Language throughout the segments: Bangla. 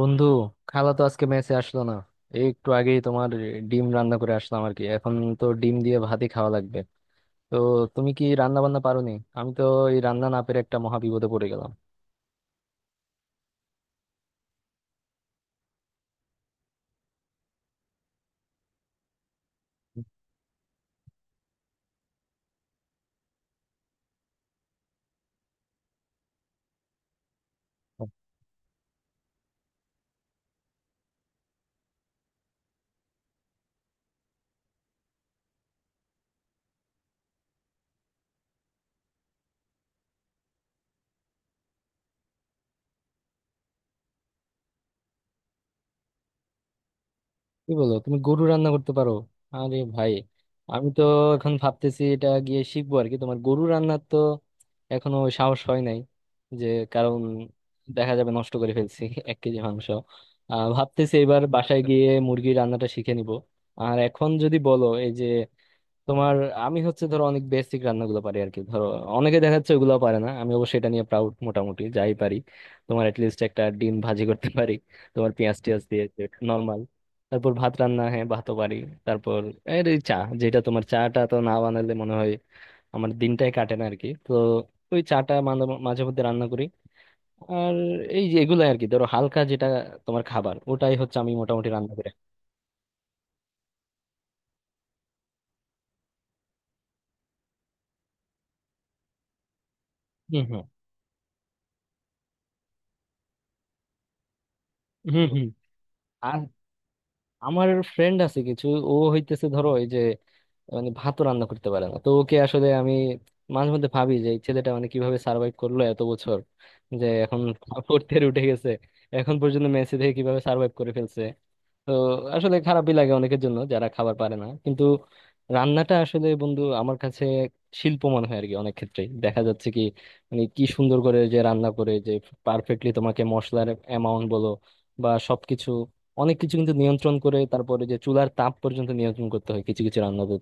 বন্ধু, খালা তো আজকে মেসে আসলো না। এই একটু আগেই তোমার ডিম রান্না করে আসলাম আর কি। এখন তো ডিম দিয়ে ভাতই খাওয়া লাগবে। তো তুমি কি রান্না বান্না পারো নি? আমি তো এই রান্না না পেরে একটা মহা বিপদে পড়ে গেলাম। কি বলো, তুমি গরু রান্না করতে পারো? আরে ভাই, আমি তো এখন ভাবতেছি এটা গিয়ে শিখবো আর কি। তোমার গরু রান্নার তো এখনো সাহস হয় নাই, যে কারণ দেখা যাবে নষ্ট করে ফেলছি এক কেজি মাংস। ভাবতেছি এবার বাসায় গিয়ে মুরগির রান্নাটা শিখে নিব। আর এখন যদি বলো, এই যে তোমার, আমি হচ্ছে ধরো অনেক বেসিক রান্নাগুলো পারি আর কি। ধরো অনেকে দেখা যাচ্ছে ওগুলো পারে না, আমি অবশ্যই এটা নিয়ে প্রাউড, মোটামুটি যাই পারি। তোমার লিস্ট, একটা ডিম ভাজি করতে পারি, তোমার পেঁয়াজ টিয়াজ দিয়ে, নর্মাল। তারপর ভাত রান্না, হ্যাঁ ভাতও পারি। তারপর এর এই চা, যেটা তোমার চাটা তো না বানালে মনে হয় আমার দিনটাই কাটে না আর কি। তো ওই চাটা মাঝে মাঝে মধ্যে রান্না করি। আর এই যে এগুলো আর কি, ধরো হালকা যেটা তোমার খাবার, ওটাই হচ্ছে আমি মোটামুটি রান্না করি। হুম হুম। হুম হুম। আর আমার ফ্রেন্ড আছে কিছু, ও হইতেছে ধরো এই যে, মানে ভাতও রান্না করতে পারে না। তো ওকে আসলে আমি মাঝে মধ্যে ভাবি যে এই ছেলেটা মানে কিভাবে সার্ভাইভ করলো এত বছর, যে এখন ফোর্থ ইয়ার উঠে গেছে, এখন পর্যন্ত মেসি থেকে কিভাবে সার্ভাইভ করে ফেলছে। তো আসলে খারাপই লাগে অনেকের জন্য যারা খাবার পারে না। কিন্তু রান্নাটা আসলে বন্ধু আমার কাছে শিল্প মনে হয় আর কি। অনেক ক্ষেত্রে দেখা যাচ্ছে কি, মানে কি সুন্দর করে যে রান্না করে, যে পারফেক্টলি তোমাকে মশলার অ্যামাউন্ট বলো বা সবকিছু, অনেক কিছু কিন্তু নিয়ন্ত্রণ করে, তারপরে যে চুলার তাপ পর্যন্ত নিয়ন্ত্রণ করতে হয় কিছু কিছু রান্নাতে,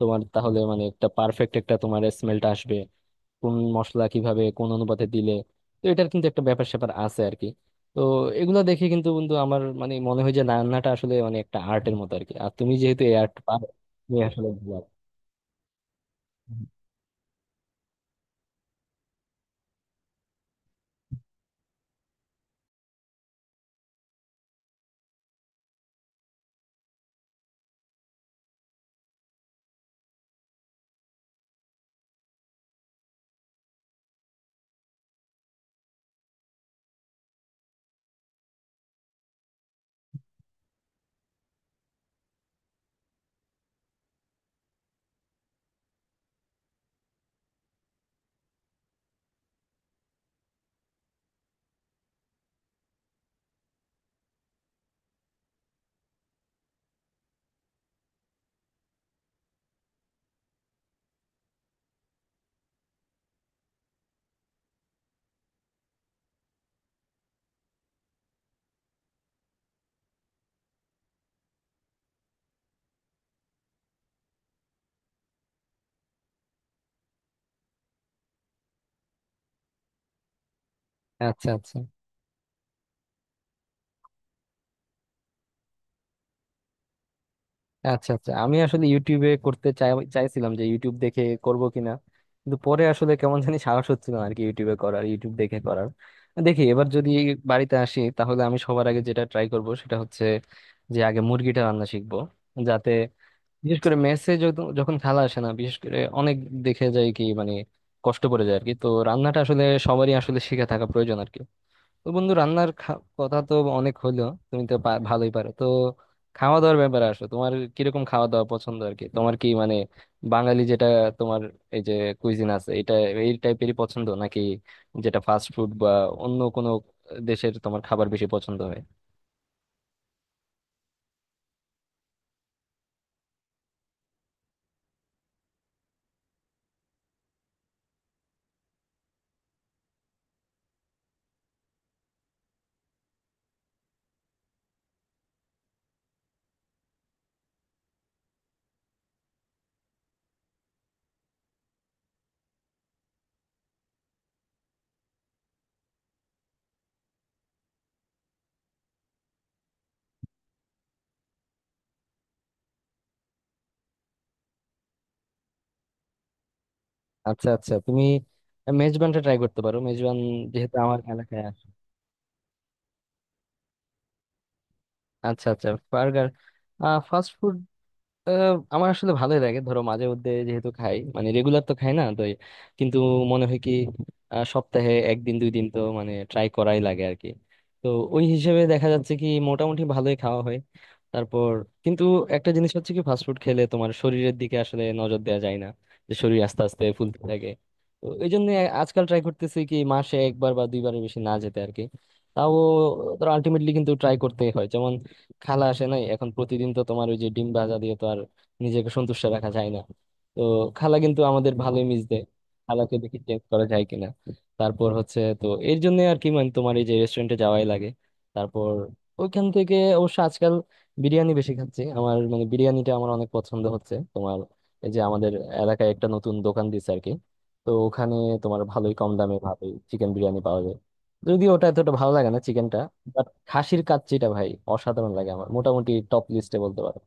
তোমার তাহলে মানে একটা পারফেক্ট একটা তোমার স্মেলটা আসবে, কোন মশলা কিভাবে কোন অনুপাতে দিলে। তো এটার কিন্তু একটা ব্যাপার স্যাপার আছে আর কি। তো এগুলো দেখে কিন্তু বন্ধু আমার মানে মনে হয় যে রান্নাটা আসলে মানে একটা আর্টের মতো আর কি, আর তুমি যেহেতু এই আর্ট পারো, তুমি আসলে ভালো। আচ্ছা আচ্ছা। আচ্ছা আচ্ছা, আমি আসলে ইউটিউবে করতে চাইছিলাম যে ইউটিউব দেখে করব কিনা, কিন্তু পরে আসলে কেমন জানি সাহস হচ্ছিল না আর কি, ইউটিউবে করার, ইউটিউব দেখে করার। দেখি এবার যদি বাড়িতে আসি তাহলে আমি সবার আগে যেটা ট্রাই করব সেটা হচ্ছে যে আগে মুরগিটা রান্না শিখবো, যাতে বিশেষ করে মেসে যখন খালা আসে না, বিশেষ করে অনেক দেখে যায় কি মানে কষ্ট পড়ে যায় আর কি। তো রান্নাটা আসলে সবারই আসলে শিখে থাকা প্রয়োজন আর কি। তো বন্ধু রান্নার কথা তো অনেক হলো। তুমি তো ভালোই পারো তো। খাওয়া দাওয়ার ব্যাপারে আসো, তোমার কিরকম খাওয়া দাওয়া পছন্দ আর কি? তোমার কি মানে বাঙালি যেটা তোমার এই যে কুইজিন আছে, এটা এই টাইপেরই পছন্দ, নাকি যেটা ফাস্ট ফুড বা অন্য কোনো দেশের তোমার খাবার বেশি পছন্দ হয়? আচ্ছা আচ্ছা, তুমি মেজবানটা ট্রাই করতে পারো, মেজবান, যেহেতু আমার এলাকায় আসে। আচ্ছা আচ্ছা, বার্গার, ফাস্ট ফুড। আমার আসলে ভালোই লাগে ধরো মাঝে মধ্যে, যেহেতু খাই, মানে রেগুলার তো খাই না তো কিন্তু মনে হয় কি, সপ্তাহে একদিন দুই দিন তো মানে ট্রাই করাই লাগে আর কি। তো ওই হিসেবে দেখা যাচ্ছে কি মোটামুটি ভালোই খাওয়া হয়। তারপর কিন্তু একটা জিনিস হচ্ছে কি, ফাস্টফুড খেলে তোমার শরীরের দিকে আসলে নজর দেওয়া যায় না, যে শরীর আস্তে আস্তে ফুলতে থাকে। তো এই জন্য আজকাল ট্রাই করতেছি কি মাসে একবার বা দুইবারের বেশি না যেতে আর কি। তাও ধরো আলটিমেটলি কিন্তু ট্রাই করতেই হয়। খালা আসে নাই এখন প্রতিদিন, তো তোমার ওই যে ডিম ভাজা দিয়ে তো আর নিজেকে সন্তুষ্ট রাখা যায় না। তো খালা কিন্তু আমাদের ভালোই মিস দেয়। খালাকে দেখি চেঞ্জ করা যায় কিনা। তারপর হচ্ছে তো এর জন্য আর কি, মানে তোমার এই যে রেস্টুরেন্টে যাওয়াই লাগে। তারপর ওইখান থেকে অবশ্য আজকাল বিরিয়ানি বেশি খাচ্ছি, আমার মানে বিরিয়ানিটা আমার অনেক পছন্দ হচ্ছে। তোমার এই যে আমাদের এলাকায় একটা নতুন দোকান দিচ্ছে আর কি, তো ওখানে তোমার ভালোই কম দামে ভালোই চিকেন বিরিয়ানি পাওয়া যায়, যদিও ওটা এতটা ভালো লাগে না চিকেনটা। খাসির কাচ্চিটা ভাই অসাধারণ লাগে আমার, মোটামুটি টপ লিস্টে বলতে পারো।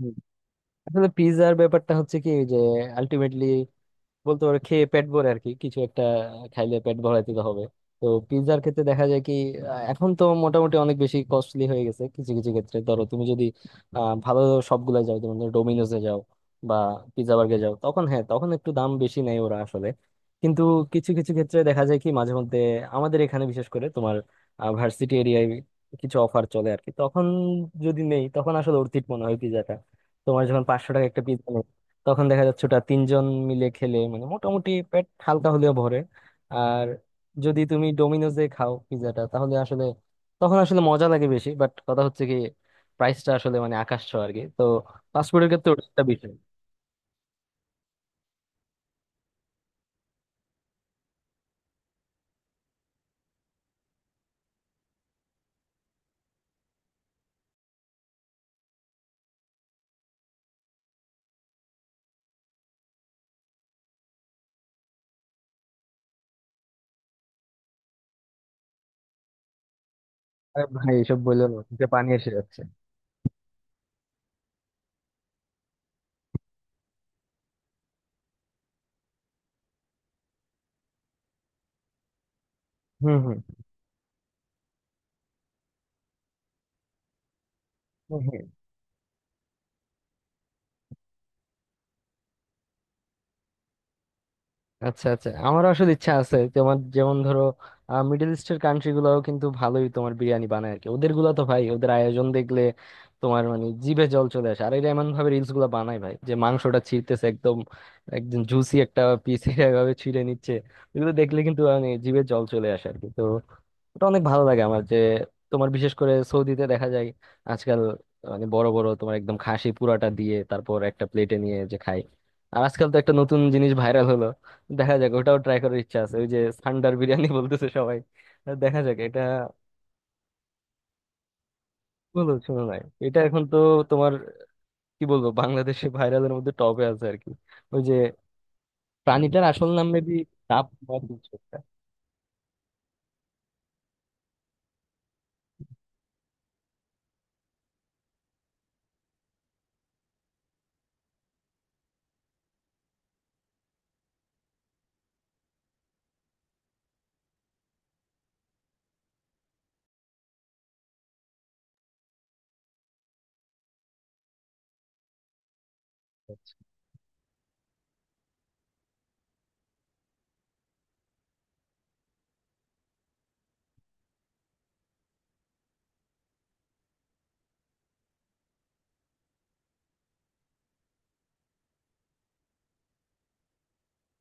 হুম। আসলে পিৎজার ব্যাপারটা হচ্ছে কি, যে আলটিমেটলি বলতে পারো খেয়ে পেট ভরে আর কি, কিছু একটা খাইলে পেট ভরাইতে তো হবে। তো পিৎজার ক্ষেত্রে দেখা যায় কি, এখন তো মোটামুটি অনেক বেশি কস্টলি হয়ে গেছে। কিছু কিছু ক্ষেত্রে ধরো তুমি যদি ভালো সবগুলা যাও, যেমন ধরো ডোমিনোসে যাও বা পিৎজা বার্গে যাও, তখন হ্যাঁ তখন একটু দাম বেশি নেয় ওরা আসলে। কিন্তু কিছু কিছু ক্ষেত্রে দেখা যায় কি মাঝে মধ্যে আমাদের এখানে বিশেষ করে তোমার ভার্সিটি এরিয়ায় কিছু অফার চলে আর কি, তখন যদি নেই তখন আসলে অর্থিত মনে হয় পিৎজাটা, তোমার যখন 500 টাকা একটা পিৎজা, তখন দেখা যাচ্ছে ওটা তিনজন মিলে খেলে মানে মোটামুটি পেট হালকা হলেও ভরে। আর যদি তুমি ডোমিনোজে খাও পিৎজাটা তাহলে আসলে তখন আসলে মজা লাগে বেশি, বাট কথা হচ্ছে কি প্রাইসটা আসলে মানে আকাশ ছোঁয়া আর কি। তো ফাস্টফুডের ক্ষেত্রে ওটা একটা বিষয়। আরে ভাই, এসব বললো না, যে পানি এসে যাচ্ছে। হম হম। আচ্ছা আচ্ছা, আমারও আসলে ইচ্ছা আছে তোমার যেমন ধরো মিডল ইস্টের কান্ট্রি গুলাও কিন্তু ভালোই তোমার বিরিয়ানি বানায় আর কি, ওদের গুলা তো ভাই, ওদের আয়োজন দেখলে তোমার মানে জিভে জল চলে আসে। আর এরা এমন ভাবে রিলস গুলা বানায় ভাই, যে মাংসটা ছিঁড়তেছে একদম, একদম জুসি একটা পিস, এভাবে ছিঁড়ে নিচ্ছে। এগুলো দেখলে কিন্তু মানে জিভে জল চলে আসে আর কি। তো ওটা অনেক ভালো লাগে আমার, যে তোমার বিশেষ করে সৌদিতে দেখা যায় আজকাল, মানে বড় বড় তোমার একদম খাসি পুরাটা দিয়ে তারপর একটা প্লেটে নিয়ে যে খাই। আর আজকাল তো একটা নতুন জিনিস ভাইরাল হলো, দেখা যাক ওটাও ট্রাই করার ইচ্ছা আছে, ওই যে সান্ডার বিরিয়ানি বলতেছে সবাই। দেখা যাক এটা, বলো শুনো নাই? এটা এখন তো তোমার কি বলবো বাংলাদেশে ভাইরালের মধ্যে টপে আছে আর কি। ওই যে প্রাণীটার আসল নাম মেবি টাপ বা কিছু একটা,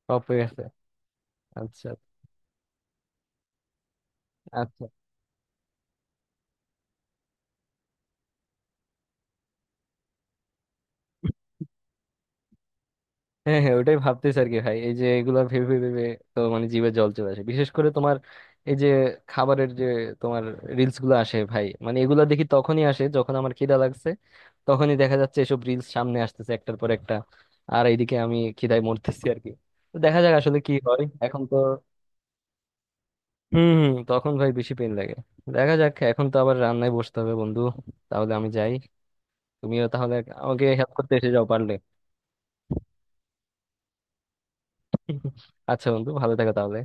টপে আছে। আচ্ছা আচ্ছা। হ্যাঁ হ্যাঁ, ওটাই ভাবতেছি আর কি। ভাই এই যে এগুলা ভেবে ভেবে ভেবে তো মানে জিভে জল চলে আসে, বিশেষ করে তোমার এই যে খাবারের যে তোমার রিলস গুলো আসে ভাই, মানে এগুলা দেখি তখনই আসে যখন আমার খিদা লাগছে, তখনই দেখা যাচ্ছে এসব রিলস সামনে আসতেছে একটার পর একটা, আর এইদিকে আমি খিদায় মরতেছি আর কি। তো দেখা যাক আসলে কি হয় এখন তো। হম হম, তখন ভাই বেশি পেন লাগে। দেখা যাক, এখন তো আবার রান্নায় বসতে হবে বন্ধু, তাহলে আমি যাই। তুমিও তাহলে আমাকে হেল্প করতে এসে যাও পারলে। আচ্ছা বন্ধু, ভালো থাকো তাহলে।